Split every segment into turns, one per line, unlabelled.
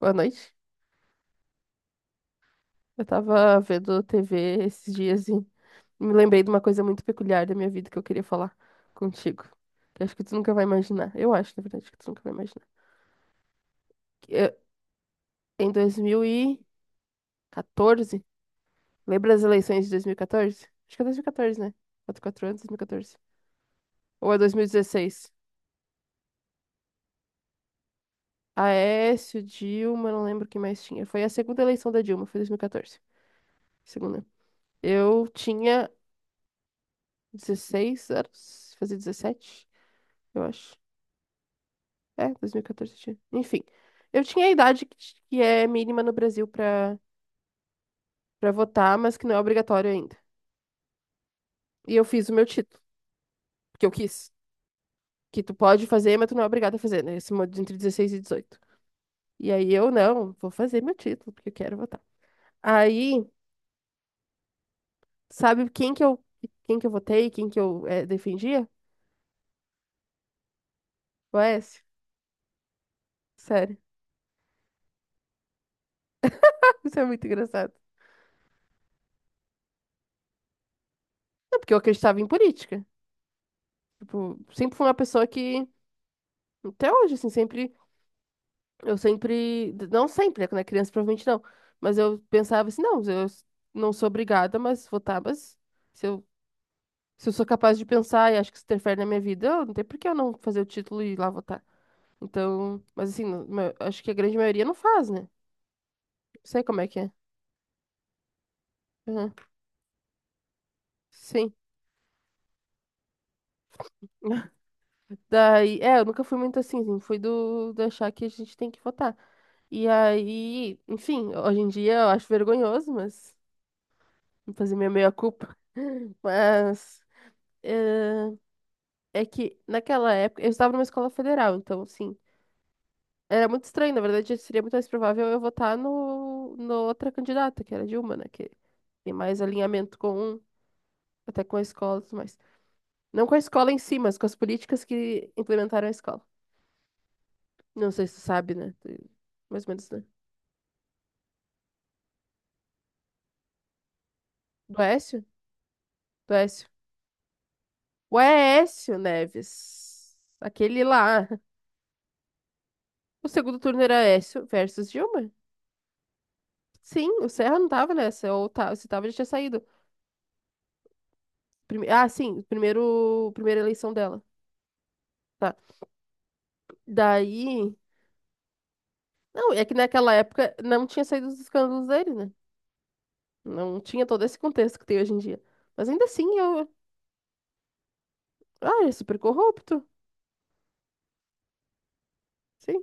Boa noite. Eu tava vendo TV esses dias e me lembrei de uma coisa muito peculiar da minha vida que eu queria falar contigo. Que acho que tu nunca vai imaginar. Eu acho, na verdade, que tu nunca vai imaginar. Que eu- Em 2014, lembra das eleições de 2014? Acho que é 2014, né? 4 anos, 2014. Ou é 2016? Aécio, Dilma, não lembro quem mais tinha. Foi a segunda eleição da Dilma, foi 2014. Segunda. Eu tinha 16 anos, fazia 17, eu acho. É, 2014 tinha. Enfim, eu tinha a idade que é mínima no Brasil pra para votar, mas que não é obrigatório ainda. E eu fiz o meu título, porque eu quis. Que tu pode fazer, mas tu não é obrigado a fazer, né? Esse modo entre 16 e 18. E aí eu não, vou fazer meu título, porque eu quero votar. Aí, sabe quem que eu votei, quem que eu defendia? O Aécio. Sério. Isso é muito engraçado. Não, porque eu acreditava em política. Tipo, sempre fui uma pessoa que, até hoje, assim, sempre. Eu sempre, não sempre, né? Quando é criança, provavelmente não. Mas eu pensava assim, não, eu não sou obrigada, mas votar, mas se eu, se eu sou capaz de pensar e acho que isso interfere na minha vida, eu não tem por que eu não fazer o título e ir lá votar. Então, mas assim, acho que a grande maioria não faz, né? Não sei como é que é. Aham. Sim. Daí, é, eu nunca fui muito assim, fui do achar que a gente tem que votar. E aí, enfim, hoje em dia eu acho vergonhoso, mas vou fazer minha meia-culpa. Mas eh, é que naquela época eu estava numa escola federal, então assim, era muito estranho. Na verdade, seria muito mais provável eu votar no outra candidata, que era Dilma, né, que tem mais alinhamento com um, até com a escola e tudo mais. Não com a escola em si, mas com as políticas que implementaram a escola. Não sei se tu sabe, né? Mais ou menos, né? Do Écio? Do Écio. O Écio Neves. Aquele lá. O segundo turno era Écio versus Dilma. Sim, o Serra não tava nessa, ou tá, se tava, já tinha saído. Ah, sim, primeiro, primeira eleição dela. Tá. Daí. Não, é que naquela época não tinha saído os escândalos dele, né? Não tinha todo esse contexto que tem hoje em dia. Mas ainda assim, eu. Ah, ele é super corrupto. Sim.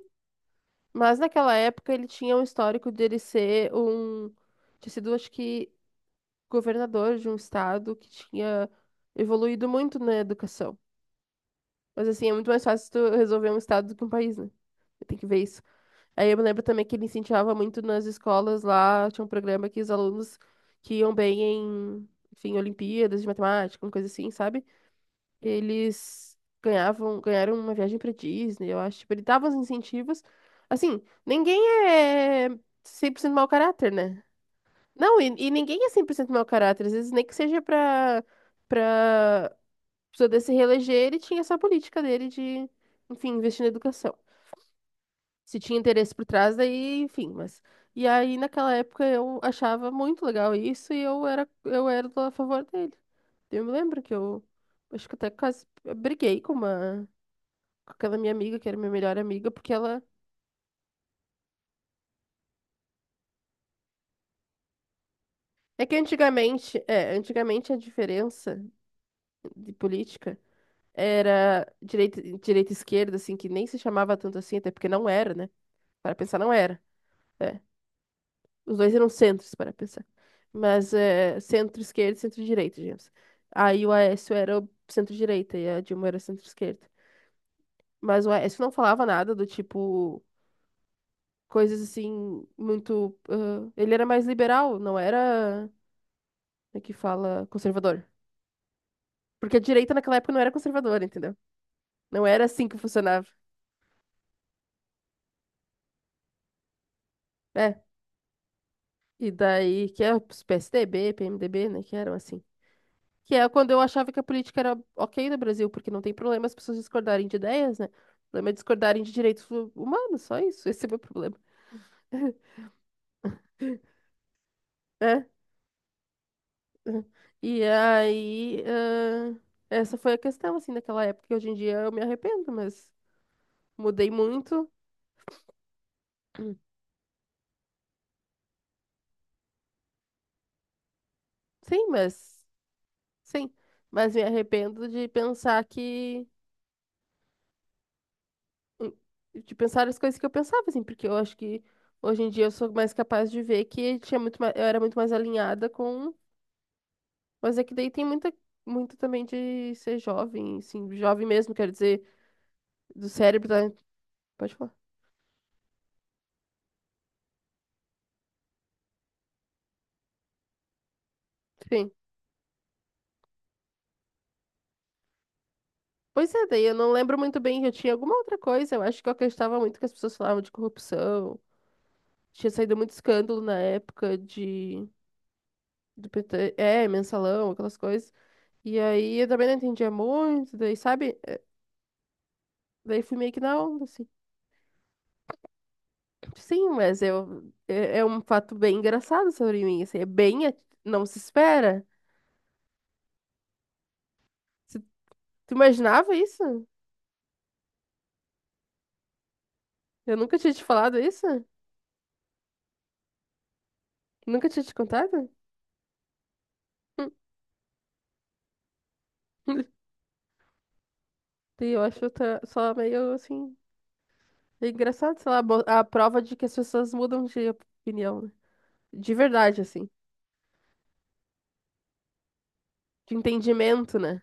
Mas naquela época ele tinha um histórico de ele ser um. Tinha sido, acho que, governador de um estado que tinha evoluído muito na educação. Mas assim, é muito mais fácil tu resolver um estado do que um país, né? Tem que ver isso. Aí eu me lembro também que ele incentivava muito nas escolas lá, tinha um programa que os alunos que iam bem em, enfim, Olimpíadas de matemática, uma coisa assim, sabe? Eles ganhavam, ganharam uma viagem pra Disney, eu acho. Tipo, ele dava os incentivos. Assim, ninguém é 100% mau caráter, né? Não, e ninguém é 100% mau caráter. Às vezes, nem que seja pra pessoa se reeleger, ele tinha essa política dele de, enfim, investir na educação se tinha interesse por trás, daí, enfim, mas. E aí, naquela época, eu achava muito legal isso e eu era a favor dele. Eu me lembro que eu, acho que até quase briguei com uma, com aquela minha amiga, que era minha melhor amiga, porque ela. É que antigamente, é, antigamente a diferença de política era direita e esquerda, assim, que nem se chamava tanto assim, até porque não era, né? Para pensar, não era. É. Os dois eram centros, para pensar. Mas é, centro-esquerda e centro-direita, digamos. Aí o Aécio era o centro-direita e a Dilma era centro-esquerda. Mas o Aécio não falava nada do tipo, coisas assim, muito. Ah, ele era mais liberal, não era, como é que fala, conservador. Porque a direita naquela época não era conservadora, entendeu? Não era assim que funcionava. É. E daí, que é os PSDB, PMDB, né? Que eram assim. Que é quando eu achava que a política era ok no Brasil, porque não tem problema as pessoas discordarem de ideias, né? O problema é discordarem de direitos humanos, só isso. Esse é o meu problema. Né? E aí, essa foi a questão, assim, naquela época. Que hoje em dia eu me arrependo, mas mudei muito. Sim, mas. Sim. Mas me arrependo de pensar que. De pensar as coisas que eu pensava, assim, porque eu acho que hoje em dia eu sou mais capaz de ver que tinha muito mais, eu era muito mais alinhada com. Mas é que daí tem muita, muito também de ser jovem, assim, jovem mesmo, quer dizer, do cérebro, tá? Pode falar. Sim. Pois é, daí eu não lembro muito bem, eu tinha alguma outra coisa, eu acho que eu acreditava muito que as pessoas falavam de corrupção, tinha saído muito escândalo na época do PT, é, mensalão, aquelas coisas, e aí eu também não entendia muito, daí, sabe, daí fui meio que na onda, assim. Sim, mas eu, é, um fato bem engraçado sobre mim, assim, é bem, não se espera. Se- Tu imaginava isso? Eu nunca tinha te falado isso? Nunca tinha te contado? E eu acho só meio assim. É engraçado, sei lá, a prova de que as pessoas mudam de opinião, né? De verdade, assim. De entendimento, né?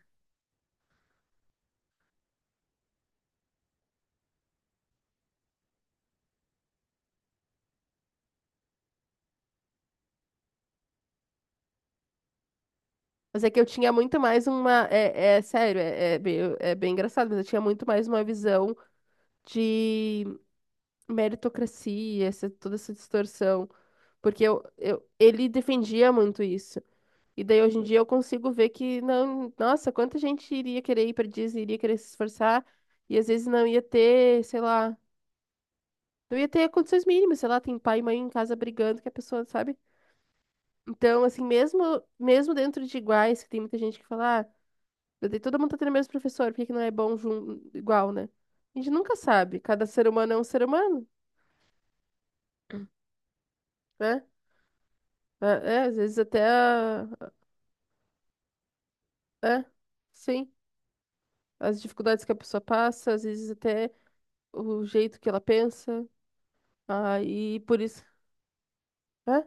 Mas é que eu tinha muito mais uma. É sério, é bem, engraçado, mas eu tinha muito mais uma visão de meritocracia, essa, toda essa distorção. Porque ele defendia muito isso. E daí hoje em dia eu consigo ver que não, nossa, quanta gente iria querer ir para Disney, iria querer se esforçar e às vezes não ia ter, sei lá, não ia ter condições mínimas, sei lá, tem pai e mãe em casa brigando que a pessoa, sabe? Então, assim, mesmo dentro de iguais, que tem muita gente que fala, ah, todo mundo tá tendo o mesmo professor, por que que não é bom igual, né? A gente nunca sabe, cada ser humano é um ser humano, né? Às vezes até é, sim, as dificuldades que a pessoa passa, às vezes até o jeito que ela pensa. Aí por isso. É?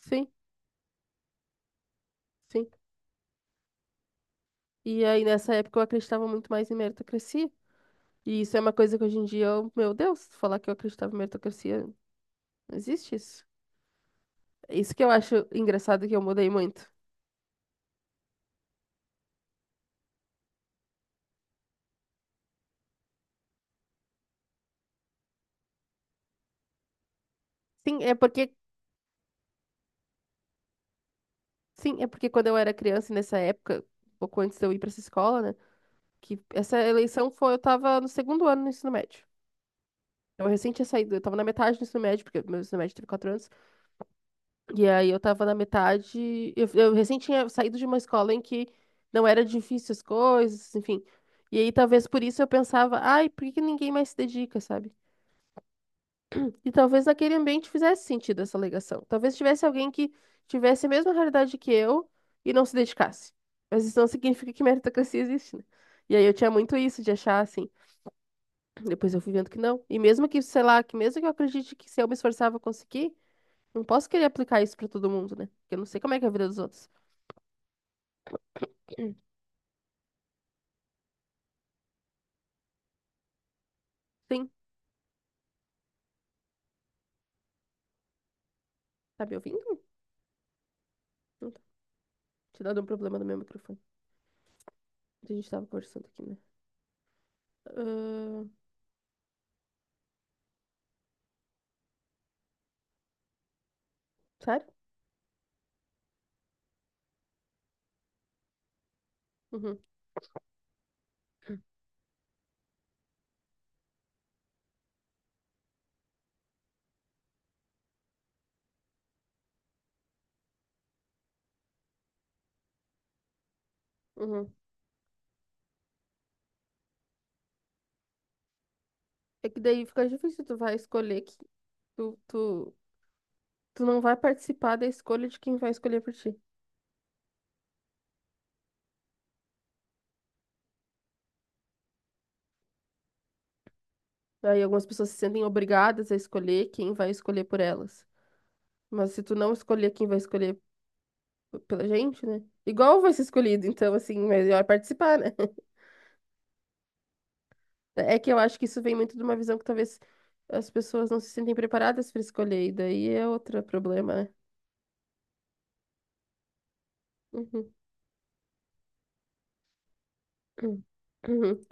Sim, sim. E aí nessa época eu acreditava muito mais em meritocracia. E isso é uma coisa que hoje em dia, eu, meu Deus, falar que eu acreditava em meritocracia, não existe isso. É isso que eu acho engraçado, que eu mudei muito. Sim, é porque, quando eu era criança e nessa época, um pouco antes de eu ir para essa escola, né, que essa eleição foi, eu tava no segundo ano do ensino médio. Então, eu recente tinha saído, eu tava na metade do ensino médio, porque meu ensino médio teve 4 anos. E aí eu tava na metade. Eu recém tinha saído de uma escola em que não era difícil as coisas, enfim. E aí talvez por isso eu pensava, ai, por que que ninguém mais se dedica, sabe? E talvez naquele ambiente fizesse sentido essa alegação. Talvez tivesse alguém que tivesse a mesma realidade que eu e não se dedicasse. Mas isso não significa que meritocracia existe, né? E aí eu tinha muito isso de achar assim. Depois eu fui vendo que não. E mesmo que, sei lá, que mesmo que eu acredite que se eu me esforçar eu vou conseguir, não posso querer aplicar isso pra todo mundo, né? Porque eu não sei como é que é a vida dos outros. Sim, tá me ouvindo? Não tá. Tinha dado um problema no meu microfone. A gente tava conversando aqui, né? Ahn, sério? Uhum, uhum. É que daí fica difícil, tu vai escolher que tu, tu, tu não vai participar da escolha de quem vai escolher por ti. Aí algumas pessoas se sentem obrigadas a escolher quem vai escolher por elas. Mas se tu não escolher quem vai escolher pela gente, né? Igual vai ser escolhido, então assim, melhor participar, né? É que eu acho que isso vem muito de uma visão que talvez as pessoas não se sentem preparadas para escolher, e daí é outro problema, né? Uhum, uhum, uhum,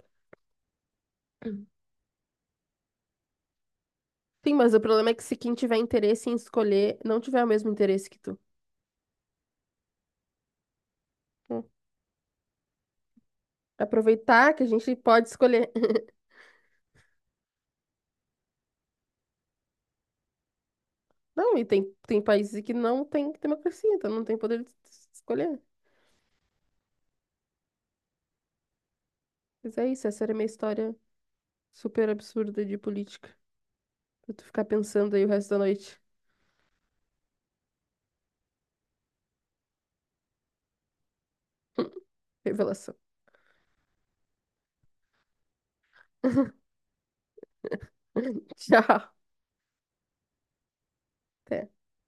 uhum. Sim, mas o problema é que se quem tiver interesse em escolher não tiver o mesmo interesse que tu. Hum. Aproveitar que a gente pode escolher. Não, e tem países que não tem democracia, então não tem poder de escolher. Mas é isso, essa era a minha história super absurda de política. Pra tu ficar pensando aí o resto da noite. Revelação. Tchau. Até.